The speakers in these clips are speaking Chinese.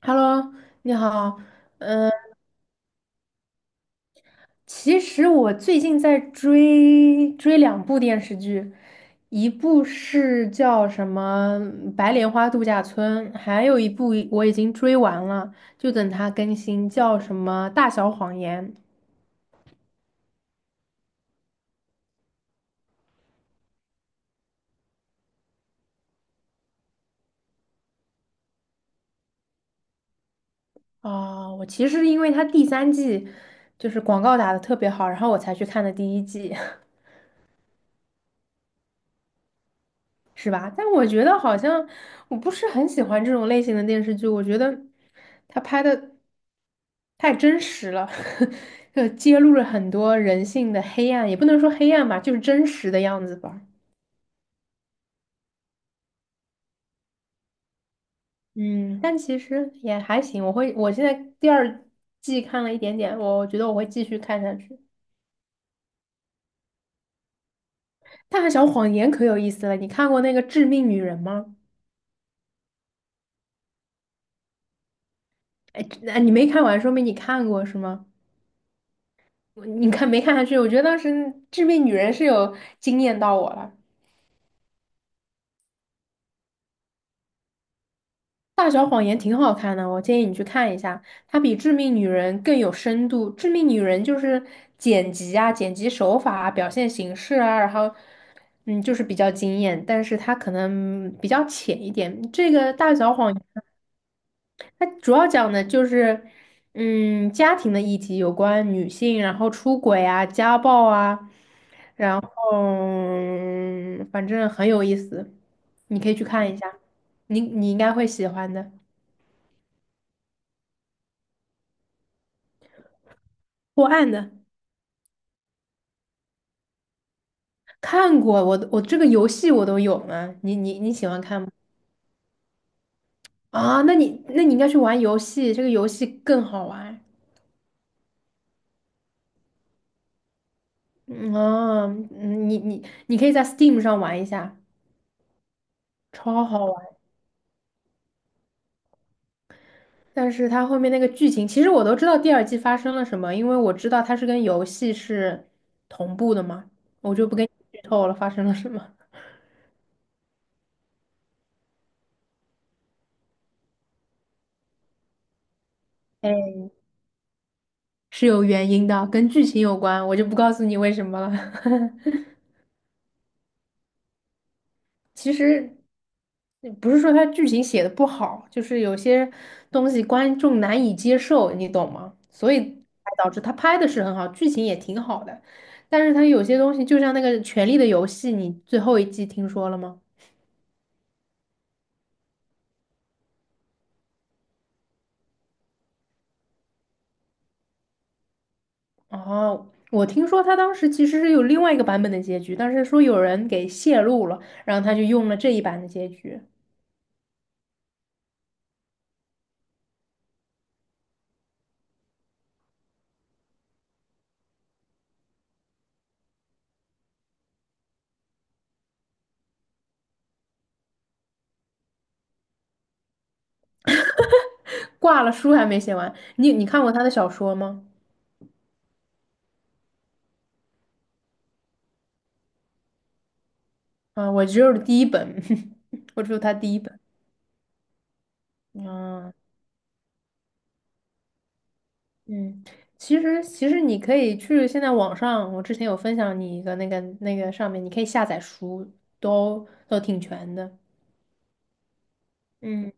Hello，你好。其实我最近在追两部电视剧，一部是叫什么《白莲花度假村》，还有一部我已经追完了，就等它更新，叫什么《大小谎言》啊。我其实因为它第三季就是广告打的特别好，然后我才去看的第一季。是吧？但我觉得好像我不是很喜欢这种类型的电视剧，我觉得他拍的太真实了，揭露了很多人性的黑暗，也不能说黑暗吧，就是真实的样子吧。嗯，但其实也还行，我现在第二季看了一点点，我觉得我会继续看下去。《大小谎言》可有意思了，你看过那个《致命女人》吗？哎，那你没看完，说明你看过是吗？你看没看下去？我觉得当时《致命女人》是有惊艳到我了，《大小谎言》挺好看的，我建议你去看一下，它比《致命女人》更有深度。《致命女人》就是剪辑啊、剪辑手法啊、表现形式啊，然后就是比较惊艳，但是它可能比较浅一点。这个《大小谎言》它主要讲的就是家庭的议题，有关女性，然后出轨啊、家暴啊。嗯，反正很有意思，你可以去看一下，你应该会喜欢的。破案的，看过，我这个游戏我都有呢。你喜欢看吗？啊，那你应该去玩游戏，这个游戏更好玩。你可以在 Steam 上玩一下，超好玩。但是它后面那个剧情，其实我都知道第二季发生了什么，因为我知道它是跟游戏是同步的嘛，我就不跟你剧透了发生了什么。哎。是有原因的，跟剧情有关，我就不告诉你为什么了。其实不是说他剧情写的不好，就是有些东西观众难以接受，你懂吗？所以才导致他拍的是很好，剧情也挺好的，但是他有些东西，就像那个《权力的游戏》，你最后一季听说了吗？哦，我听说他当时其实是有另外一个版本的结局，但是说有人给泄露了，然后他就用了这一版的结局，挂了书还没写完。你看过他的小说吗？啊，我只有第一本，我只有他第一本。啊，嗯，其实你可以去现在网上，我之前有分享你一个那个上面，你可以下载书，都挺全的。嗯，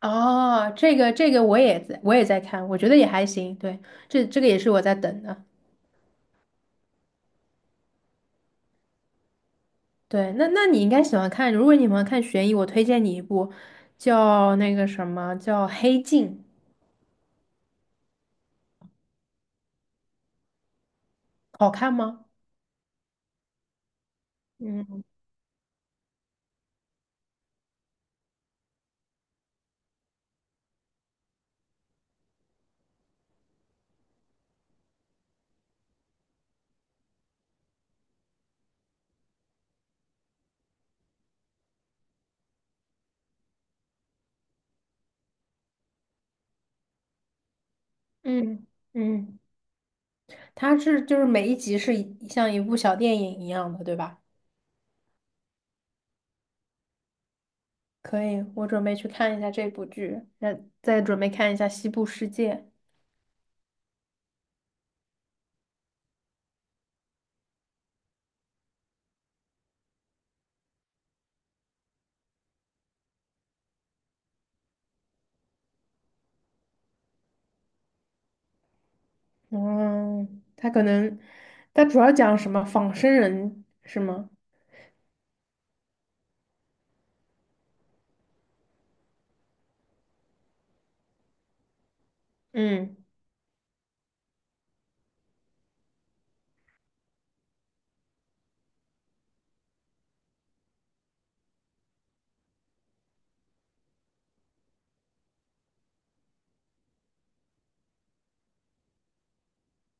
哦，这个我也在看，我觉得也还行。对，这个也是我在等的。对，那你应该喜欢看，如果你喜欢看悬疑，我推荐你一部叫那个什么叫《黑镜》，好看吗？嗯嗯嗯。它是就是每一集是像一部小电影一样的，对吧？可以，我准备去看一下这部剧，那再准备看一下《西部世界》。嗯，它可能它主要讲什么仿生人是吗？嗯，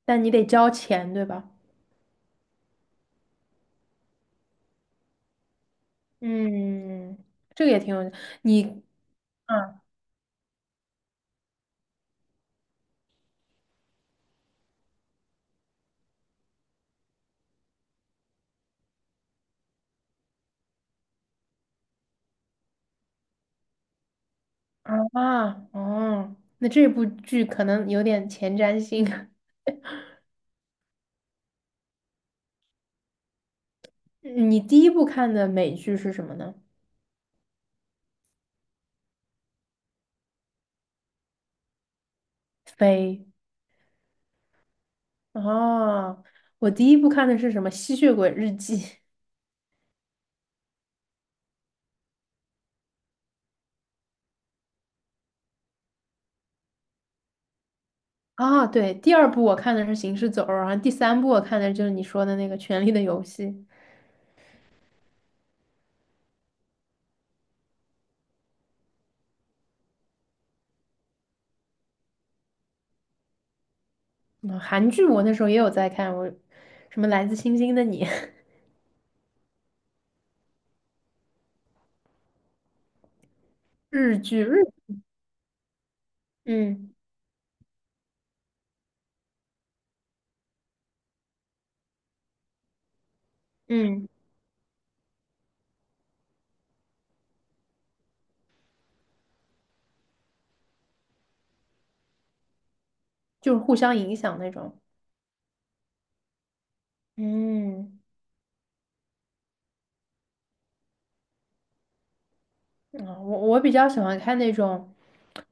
但你得交钱，对吧？嗯，这个也挺有你，嗯啊哦，那这部剧可能有点前瞻性。你第一部看的美剧是什么呢？飞。哦，我第一部看的是什么《吸血鬼日记》啊，对，第二部我看的是《行尸走肉》，然后第三部我看的就是你说的那个《权力的游戏》。嗯，韩剧我那时候也有在看，我什么《来自星星的你》日剧，嗯嗯，就是互相影响那种。嗯，啊，我比较喜欢看那种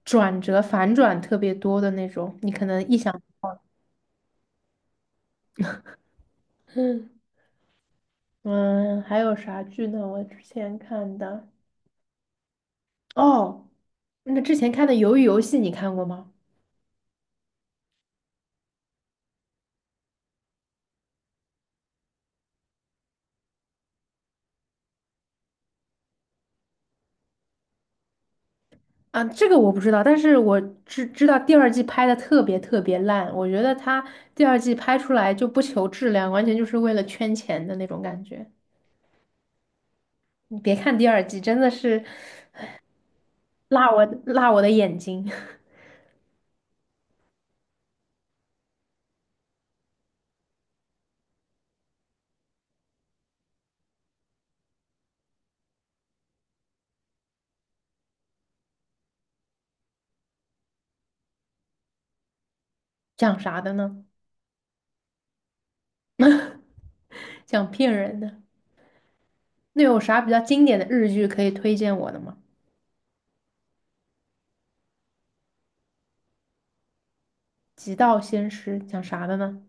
转折反转特别多的那种，你可能意想，嗯嗯，还有啥剧呢？我之前看的哦。那之前看的《鱿鱼游戏》，你看过吗？啊，这个我不知道，但是我知道第二季拍的特别特别烂，我觉得它第二季拍出来就不求质量，完全就是为了圈钱的那种感觉。你别看第二季，真的是辣我的眼睛。讲啥的呢？讲骗人的。那有啥比较经典的日剧可以推荐我的吗？《极道鲜师》讲啥的呢？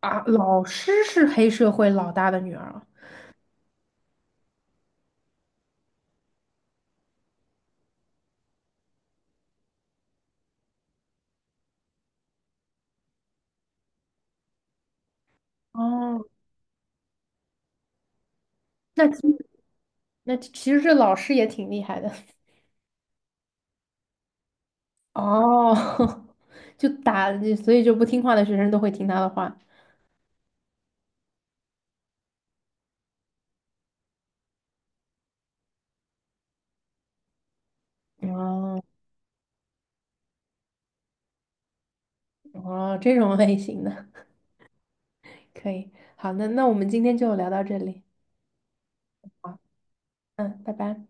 啊，老师是黑社会老大的女儿啊。哦，那其那其实这老师也挺厉害的。哦，就打，所以就不听话的学生都会听他的话。哦哦，这种类型的可以。好，那我们今天就聊到这里。好，嗯，拜拜。